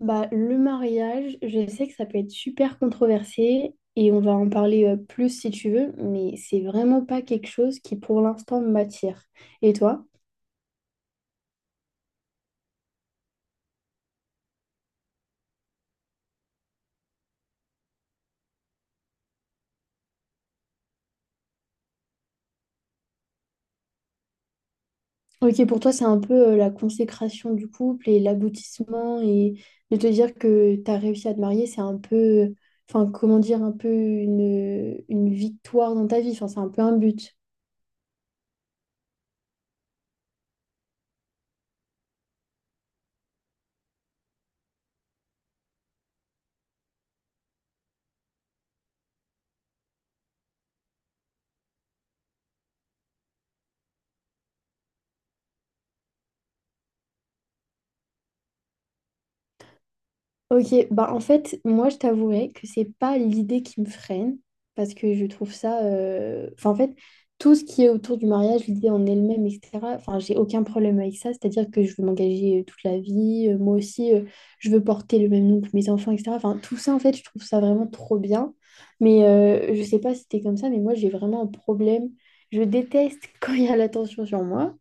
Bah, le mariage, je sais que ça peut être super controversé et on va en parler plus si tu veux, mais c'est vraiment pas quelque chose qui pour l'instant m'attire. Et toi? Ok, pour toi, c'est un peu la consécration du couple et l'aboutissement et de te dire que tu as réussi à te marier, c'est un peu, enfin, comment dire, un peu une victoire dans ta vie, enfin, c'est un peu un but. Ok, bah en fait, moi je t'avouerai que c'est pas l'idée qui me freine, parce que je trouve ça, enfin, en fait, tout ce qui est autour du mariage, l'idée en elle-même, etc. Enfin, j'ai aucun problème avec ça, c'est-à-dire que je veux m'engager toute la vie, moi aussi, je veux porter le même nom que mes enfants, etc. Enfin, tout ça, en fait, je trouve ça vraiment trop bien. Mais je sais pas si t'es comme ça, mais moi j'ai vraiment un problème. Je déteste quand il y a l'attention sur moi.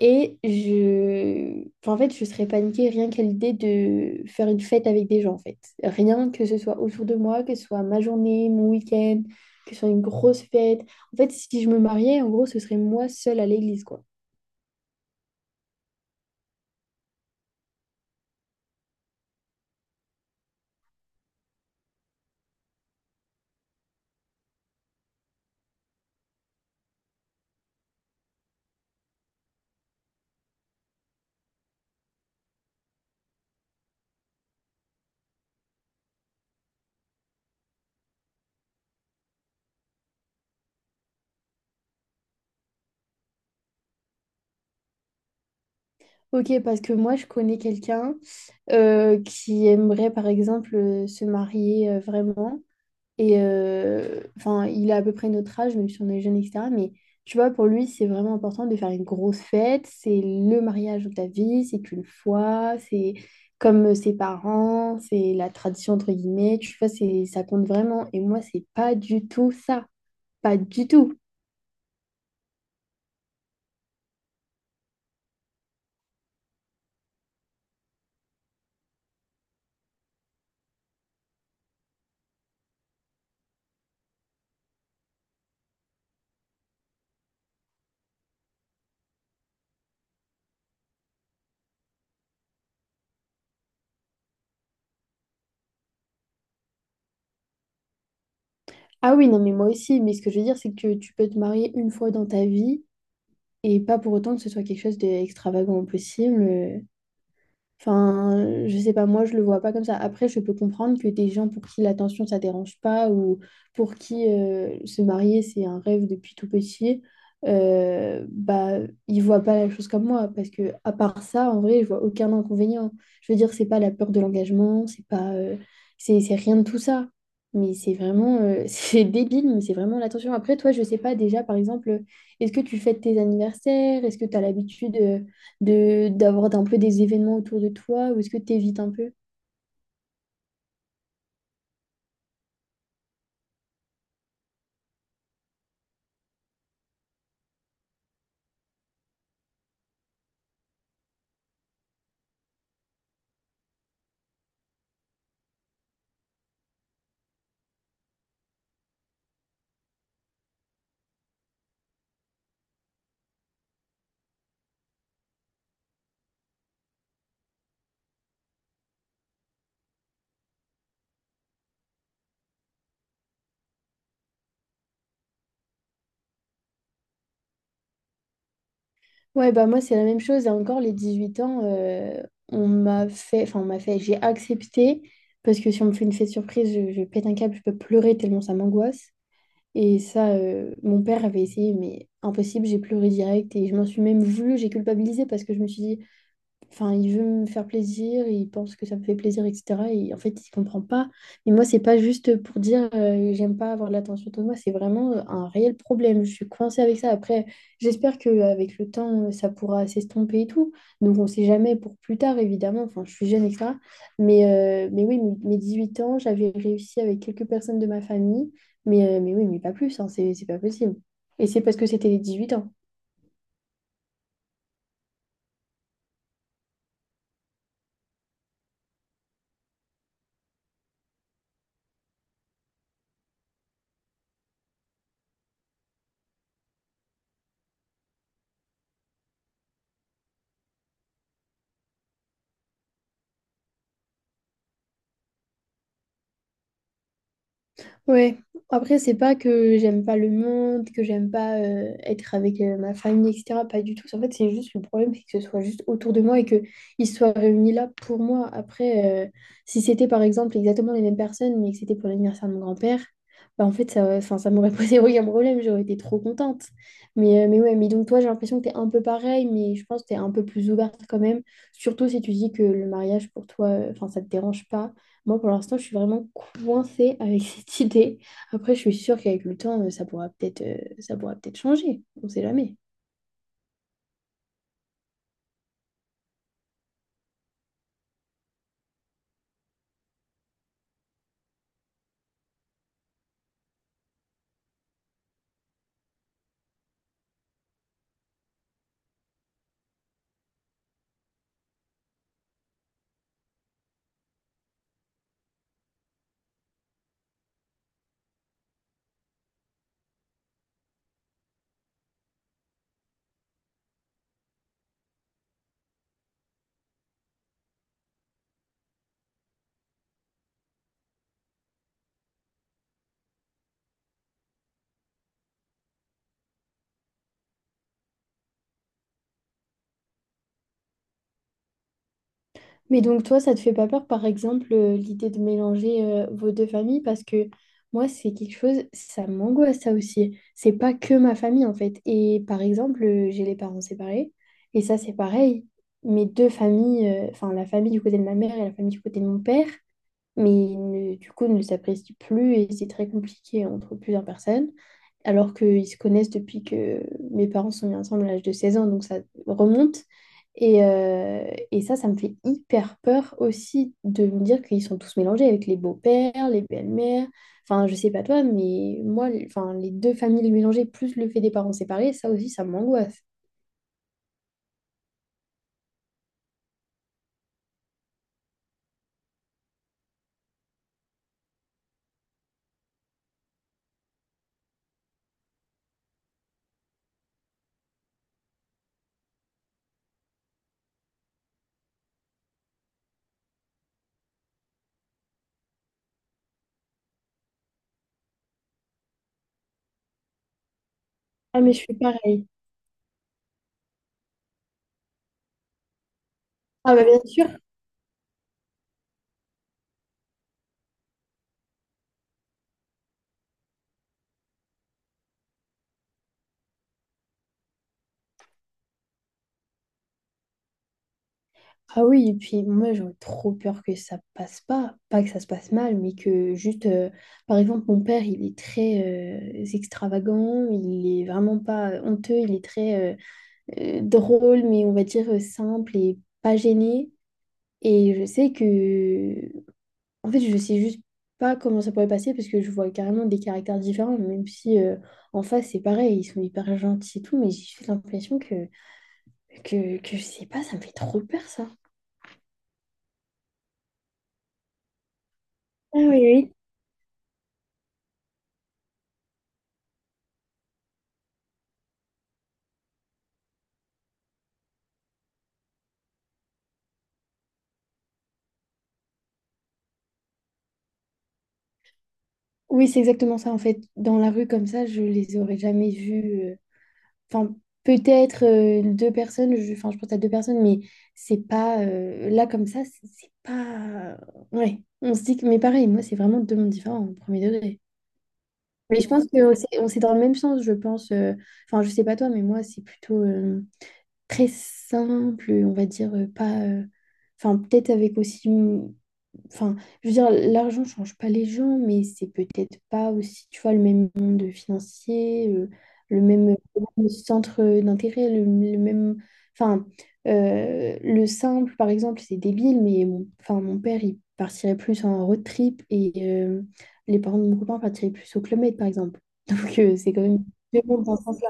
Et enfin, en fait, je serais paniquée rien qu'à l'idée de faire une fête avec des gens, en fait. Rien que ce soit autour de moi, que ce soit ma journée, mon week-end, que ce soit une grosse fête. En fait, si je me mariais, en gros, ce serait moi seule à l'église, quoi. Ok, parce que moi, je connais quelqu'un qui aimerait, par exemple, se marier vraiment. Et enfin, il a à peu près notre âge, même si on est jeune, etc. Mais tu vois, pour lui, c'est vraiment important de faire une grosse fête. C'est le mariage de ta vie, c'est qu'une fois, c'est comme ses parents, c'est la tradition, entre guillemets. Tu vois, c'est, ça compte vraiment. Et moi, c'est pas du tout ça. Pas du tout. Ah oui, non, mais moi aussi. Mais ce que je veux dire, c'est que tu peux te marier une fois dans ta vie et pas pour autant que ce soit quelque chose d'extravagant au possible. Enfin, je sais pas, moi je le vois pas comme ça. Après, je peux comprendre que des gens pour qui l'attention ça dérange pas ou pour qui se marier c'est un rêve depuis tout petit, bah ils voient pas la chose comme moi parce que à part ça, en vrai, je vois aucun inconvénient. Je veux dire, c'est pas la peur de l'engagement, c'est pas, c'est rien de tout ça. Mais c'est vraiment, c'est débile, mais c'est vraiment l'attention. Après, toi, je sais pas déjà, par exemple, est-ce que tu fêtes tes anniversaires? Est-ce que tu as l'habitude de d'avoir un peu des événements autour de toi ou est-ce que tu évites un peu? Ouais, bah moi c'est la même chose et encore les 18 ans on m'a fait, j'ai accepté parce que si on me fait une fête surprise, je pète un câble, je peux pleurer tellement ça m'angoisse et ça mon père avait essayé mais impossible, j'ai pleuré direct et je m'en suis même voulu, j'ai culpabilisé parce que je me suis dit. Enfin, il veut me faire plaisir, il pense que ça me fait plaisir, etc. Et en fait, il comprend pas. Mais moi, c'est pas juste pour dire j'aime pas avoir de l'attention de moi, c'est vraiment un réel problème. Je suis coincée avec ça. Après, j'espère qu'avec le temps, ça pourra s'estomper et tout. Donc, on sait jamais pour plus tard, évidemment. Enfin, je suis jeune, etc. Mais, mais oui, mes huit ans, j'avais réussi avec quelques personnes de ma famille. Mais oui, mais pas plus, hein, c'est pas possible. Et c'est parce que c'était les huit ans. Ouais, après, c'est pas que j'aime pas le monde, que j'aime pas être avec ma famille, etc. Pas du tout. En fait, c'est juste le problème, c'est que ce soit juste autour de moi et qu'ils soient réunis là pour moi. Après, si c'était par exemple exactement les mêmes personnes, mais que c'était pour l'anniversaire de mon grand-père, bah en fait, ça, enfin, ça m'aurait posé aucun problème, j'aurais été trop contente. Mais ouais, mais donc toi, j'ai l'impression que t'es un peu pareil, mais je pense que t'es un peu plus ouverte quand même, surtout si tu dis que le mariage pour toi, enfin, ça te dérange pas. Moi, pour l'instant, je suis vraiment coincée avec cette idée. Après, je suis sûre qu'avec le temps, ça pourra peut-être changer. On sait jamais. Mais donc, toi, ça te fait pas peur, par exemple, l'idée de mélanger vos deux familles? Parce que moi, c'est quelque chose, ça m'angoisse, ça aussi. C'est pas que ma famille, en fait. Et par exemple, j'ai les parents séparés. Et ça, c'est pareil. Mes deux familles, enfin, la famille du côté de ma mère et la famille du côté de mon père. Mais du coup ne s'apprécient plus et c'est très compliqué entre plusieurs personnes, alors qu'ils se connaissent depuis que mes parents sont mis ensemble à l'âge de 16 ans, donc ça remonte. Et, euh, et, ça, ça me fait hyper peur aussi de me dire qu'ils sont tous mélangés avec les beaux-pères, les belles-mères. Enfin, je sais pas toi, mais moi, enfin, les deux familles mélangées, plus le fait des parents séparés, ça aussi, ça m'angoisse. Ah, mais je suis pareil. Ah, bah bien sûr. Ah oui, et puis moi j'aurais trop peur que ça passe pas, pas que ça se passe mal, mais que juste, par exemple, mon père il est très extravagant, il est vraiment pas honteux, il est très drôle, mais on va dire simple et pas gêné. Et je sais que, en fait, je sais juste pas comment ça pourrait passer parce que je vois carrément des caractères différents, même si en face c'est pareil, ils sont hyper gentils et tout, mais j'ai juste l'impression que je sais pas, ça me fait trop peur ça. Ah oui oui, oui, c'est exactement ça. En fait, dans la rue comme ça, je les aurais jamais vus. Enfin, peut-être deux personnes. Enfin, je pense à deux personnes, mais c'est pas là comme ça. C'est pas. Ouais. On se dit que. Mais pareil, moi, c'est vraiment deux mondes différents au premier degré. Mais je pense que c'est dans le même sens. Je pense. Enfin, je sais pas toi, mais moi, c'est plutôt très simple. On va dire pas. Enfin, peut-être avec aussi. Enfin, je veux dire, l'argent change pas les gens, mais c'est peut-être pas aussi, tu vois, le même monde financier, le même le centre d'intérêt, le même... Enfin, le simple, par exemple, c'est débile, mais mon, enfin, mon père, il partirait plus en road trip et euh, les parents de mon copain partiraient plus au Club Med, par exemple. Donc, c'est quand même deux mondes dans ce sens-là.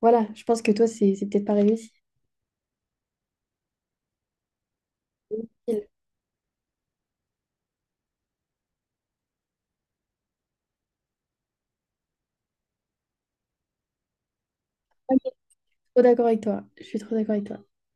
Voilà, je pense que toi, c'est peut-être pareil aussi. Je suis trop d'accord avec toi. Je suis trop d'accord avec toi.